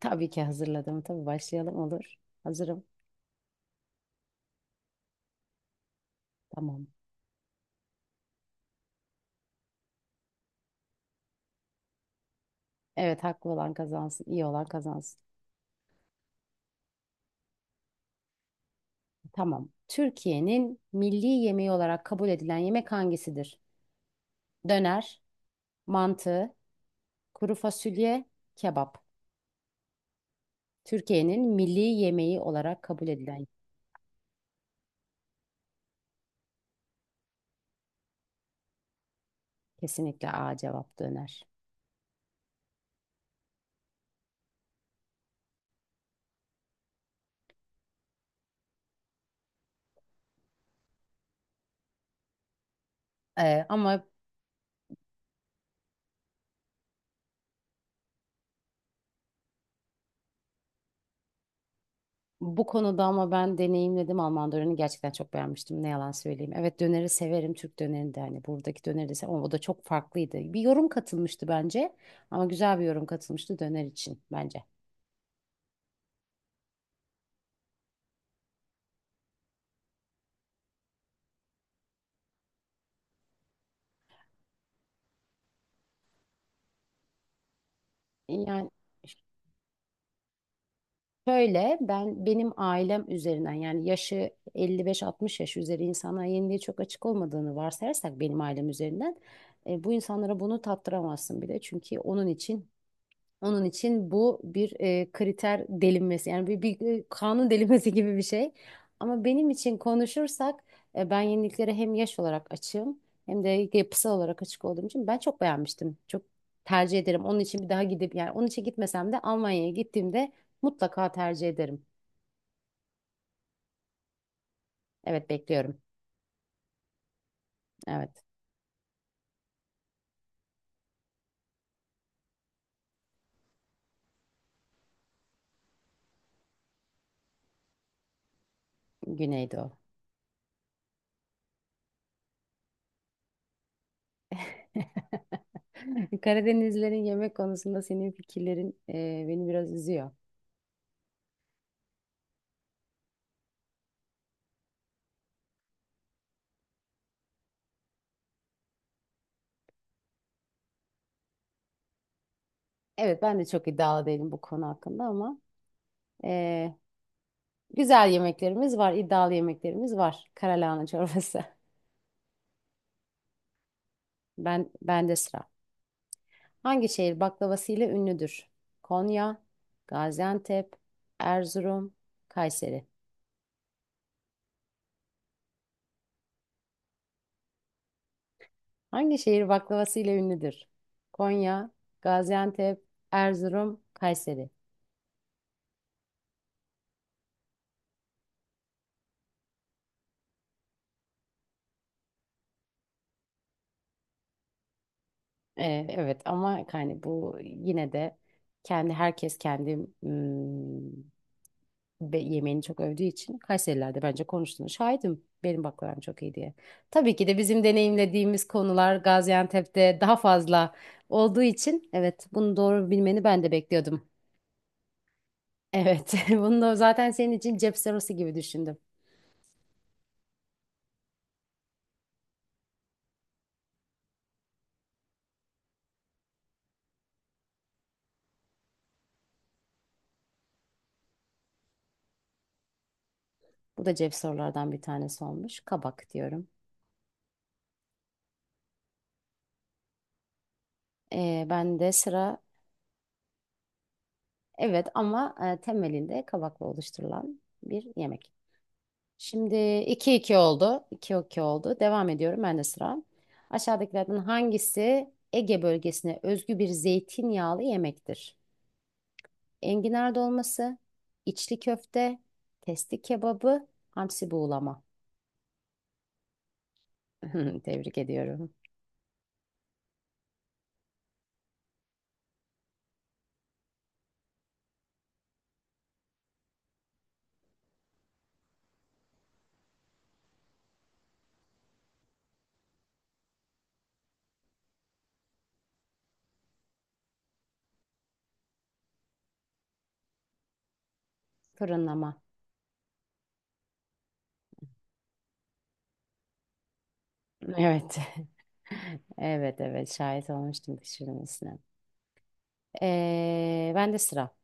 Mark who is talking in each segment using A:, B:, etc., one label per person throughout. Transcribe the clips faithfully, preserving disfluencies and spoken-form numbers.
A: Tabii ki hazırladım. Tabii başlayalım olur. Hazırım. Tamam. Evet haklı olan kazansın, iyi olan kazansın. Tamam. Türkiye'nin milli yemeği olarak kabul edilen yemek hangisidir? Döner, mantı, kuru fasulye, kebap. Türkiye'nin milli yemeği olarak kabul edilen kesinlikle A cevap döner. Ee, ama Bu konuda ama ben deneyimledim Alman dönerini gerçekten çok beğenmiştim, ne yalan söyleyeyim. Evet, döneri severim, Türk dönerini de hani buradaki döneri de sev- ama o da çok farklıydı. Bir yorum katılmıştı bence ama güzel bir yorum katılmıştı döner için bence. Yani şöyle, ben benim ailem üzerinden, yani yaşı elli beş altmış yaş üzeri insanlara yeniliğe çok açık olmadığını varsayarsak benim ailem üzerinden e, bu insanlara bunu tattıramazsın bile çünkü onun için. Onun için bu bir e, kriter delinmesi, yani bir, bir e, kanun delinmesi gibi bir şey. Ama benim için konuşursak e, ben yeniliklere hem yaş olarak açığım hem de yapısal olarak açık olduğum için ben çok beğenmiştim. Çok tercih ederim. Onun için bir daha gidip, yani onun için gitmesem de Almanya'ya gittiğimde mutlaka tercih ederim. Evet, bekliyorum. Evet, Güneydoğu. Karadenizlerin yemek konusunda senin fikirlerin e, beni biraz üzüyor. Evet, ben de çok iddialı değilim bu konu hakkında ama... e, Güzel yemeklerimiz var, iddialı yemeklerimiz var. Karalahana çorbası. Ben, bende sıra. Hangi şehir baklavasıyla ünlüdür? Konya, Gaziantep, Erzurum, Kayseri. Hangi şehir baklavasıyla ünlüdür? Konya, Gaziantep, Erzurum, Kayseri. Ee, evet ama yani bu yine de kendi, herkes kendi hmm, ve yemeğini çok övdüğü için Kayserililer de bence konuştuğunu şahidim. Benim baklavam çok iyi diye. Tabii ki de bizim deneyimlediğimiz konular Gaziantep'te daha fazla olduğu için evet, bunu doğru bilmeni ben de bekliyordum. Evet, bunu da zaten senin için cep sorusu gibi düşündüm. Bu da cep sorulardan bir tanesi olmuş. Kabak diyorum. Ee, ben de sıra, evet ama e, temelinde kabakla oluşturulan bir yemek. Şimdi iki iki oldu. İki 2 oldu. Devam ediyorum. Ben de sıra. Aşağıdakilerden hangisi Ege bölgesine özgü bir zeytinyağlı yemektir? Enginar dolması, içli köfte, testi kebabı, hamsi buğulama. Tebrik ediyorum. Fırınlama. Evet. Evet evet şahit olmuştum pişirilmesine. Ee, ben de sıra.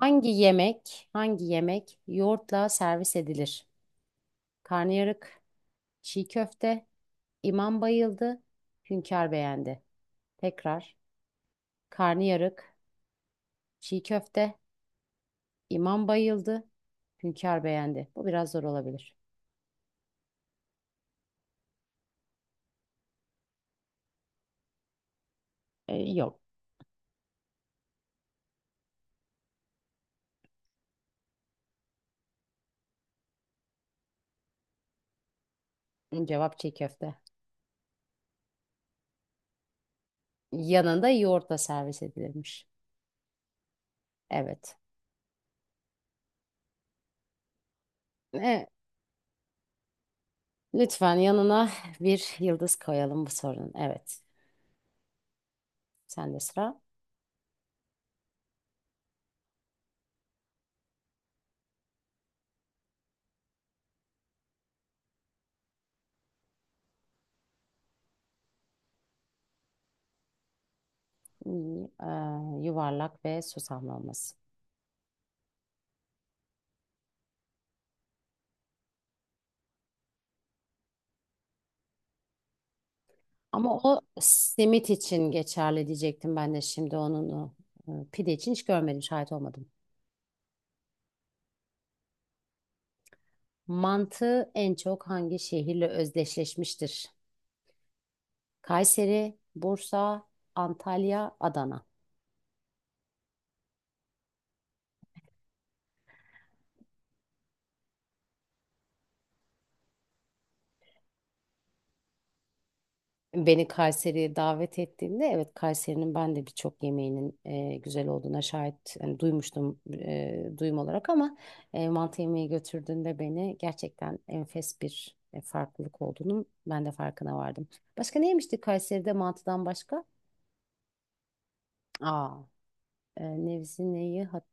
A: Hangi yemek, hangi yemek yoğurtla servis edilir? Karnıyarık, çiğ köfte, İmam bayıldı, hünkâr beğendi. Tekrar, karnıyarık, çiğ köfte, imam bayıldı, hünkâr beğendi. Bu biraz zor olabilir. E, yok. Cevap çiğ köfte. Yanında yoğurtla servis edilirmiş. Evet. E, Lütfen yanına bir yıldız koyalım bu sorunun. Evet. Sende sıra. Hmm, e, yuvarlak ve susamlı olması. Ama o simit için geçerli diyecektim ben de, şimdi onun o, e, pide için hiç görmedim, şahit olmadım. Mantığı en çok hangi şehirle özdeşleşmiştir? Kayseri, Bursa, Antalya, Adana. Beni Kayseri'ye davet ettiğinde evet, Kayseri'nin ben de birçok yemeğinin e, güzel olduğuna şahit, hani duymuştum e, duyum olarak ama e, mantı yemeği götürdüğünde beni gerçekten enfes bir e, farklılık olduğunun ben de farkına vardım. Başka ne yemiştik Kayseri'de mantıdan başka? Aa, e, nevzi neyi? hat-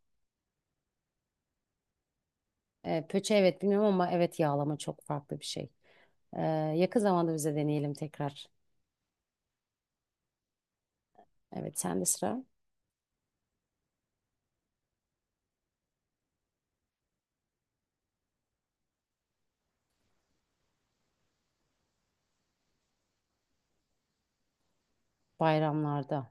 A: E, pöçe evet, bilmiyorum ama evet, yağlama çok farklı bir şey. Ee, Yakın zamanda bize deneyelim tekrar. Evet, sen de sıra, bayramlarda.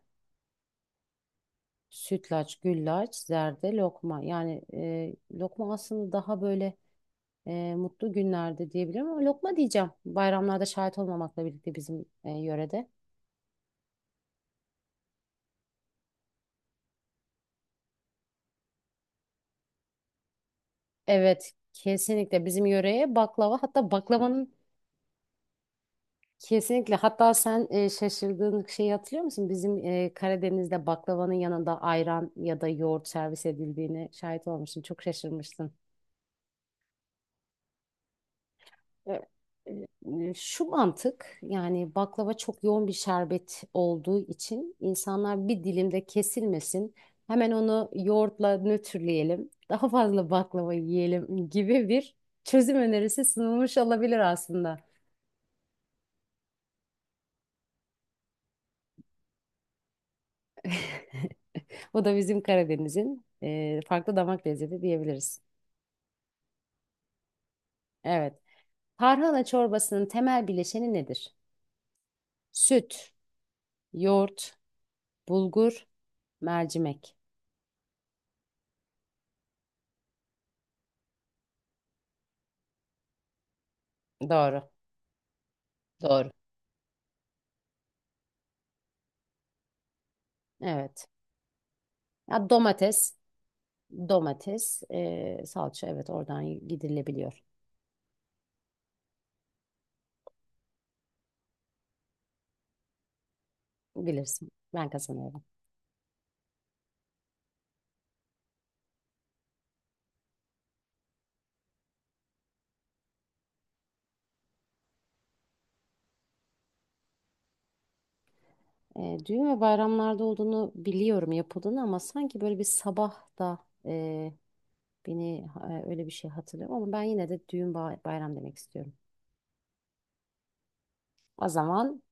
A: Sütlaç, güllaç, zerde, lokma. Yani e, lokma aslında daha böyle e, mutlu günlerde diyebilirim ama lokma diyeceğim. Bayramlarda şahit olmamakla birlikte bizim e, yörede. Evet, kesinlikle bizim yöreye baklava. Hatta baklavanın kesinlikle. Hatta sen e, şaşırdığın şeyi hatırlıyor musun? Bizim e, Karadeniz'de baklavanın yanında ayran ya da yoğurt servis edildiğini şahit olmuştun. Çok şaşırmıştın. E, e, Şu mantık, yani baklava çok yoğun bir şerbet olduğu için, insanlar bir dilimde kesilmesin. Hemen onu yoğurtla nötrleyelim. Daha fazla baklava yiyelim gibi bir çözüm önerisi sunulmuş olabilir aslında. O da bizim Karadeniz'in e, farklı damak lezzeti diyebiliriz. Evet. Tarhana çorbasının temel bileşeni nedir? Süt, yoğurt, bulgur, mercimek. Doğru. Doğru. Evet. Ya domates. Domates, e, salça, evet, oradan gidilebiliyor. Bilirsin. Ben kazanıyorum. E, düğün ve bayramlarda olduğunu biliyorum yapıldığını, ama sanki böyle bir sabah da e, beni e, öyle bir şey hatırlıyorum, ama ben yine de düğün bay- bayram demek istiyorum. O zaman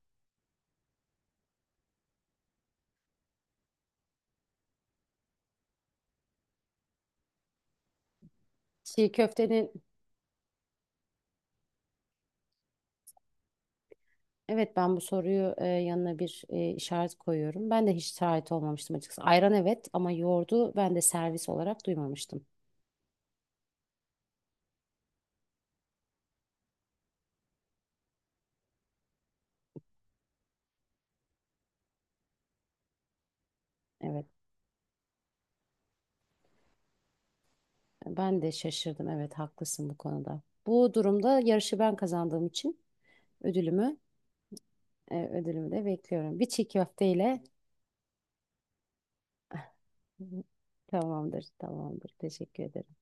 A: çiğ köftenin, evet ben bu soruyu e, yanına bir e, işaret koyuyorum. Ben de hiç şahit olmamıştım açıkçası. Ayran evet, ama yoğurdu ben de servis olarak duymamıştım. Evet. Ben de şaşırdım. Evet, haklısın bu konuda. Bu durumda yarışı ben kazandığım için ödülümü e, ödülümü de bekliyorum. Bir çiğ köfteyle tamamdır, tamamdır. Teşekkür ederim.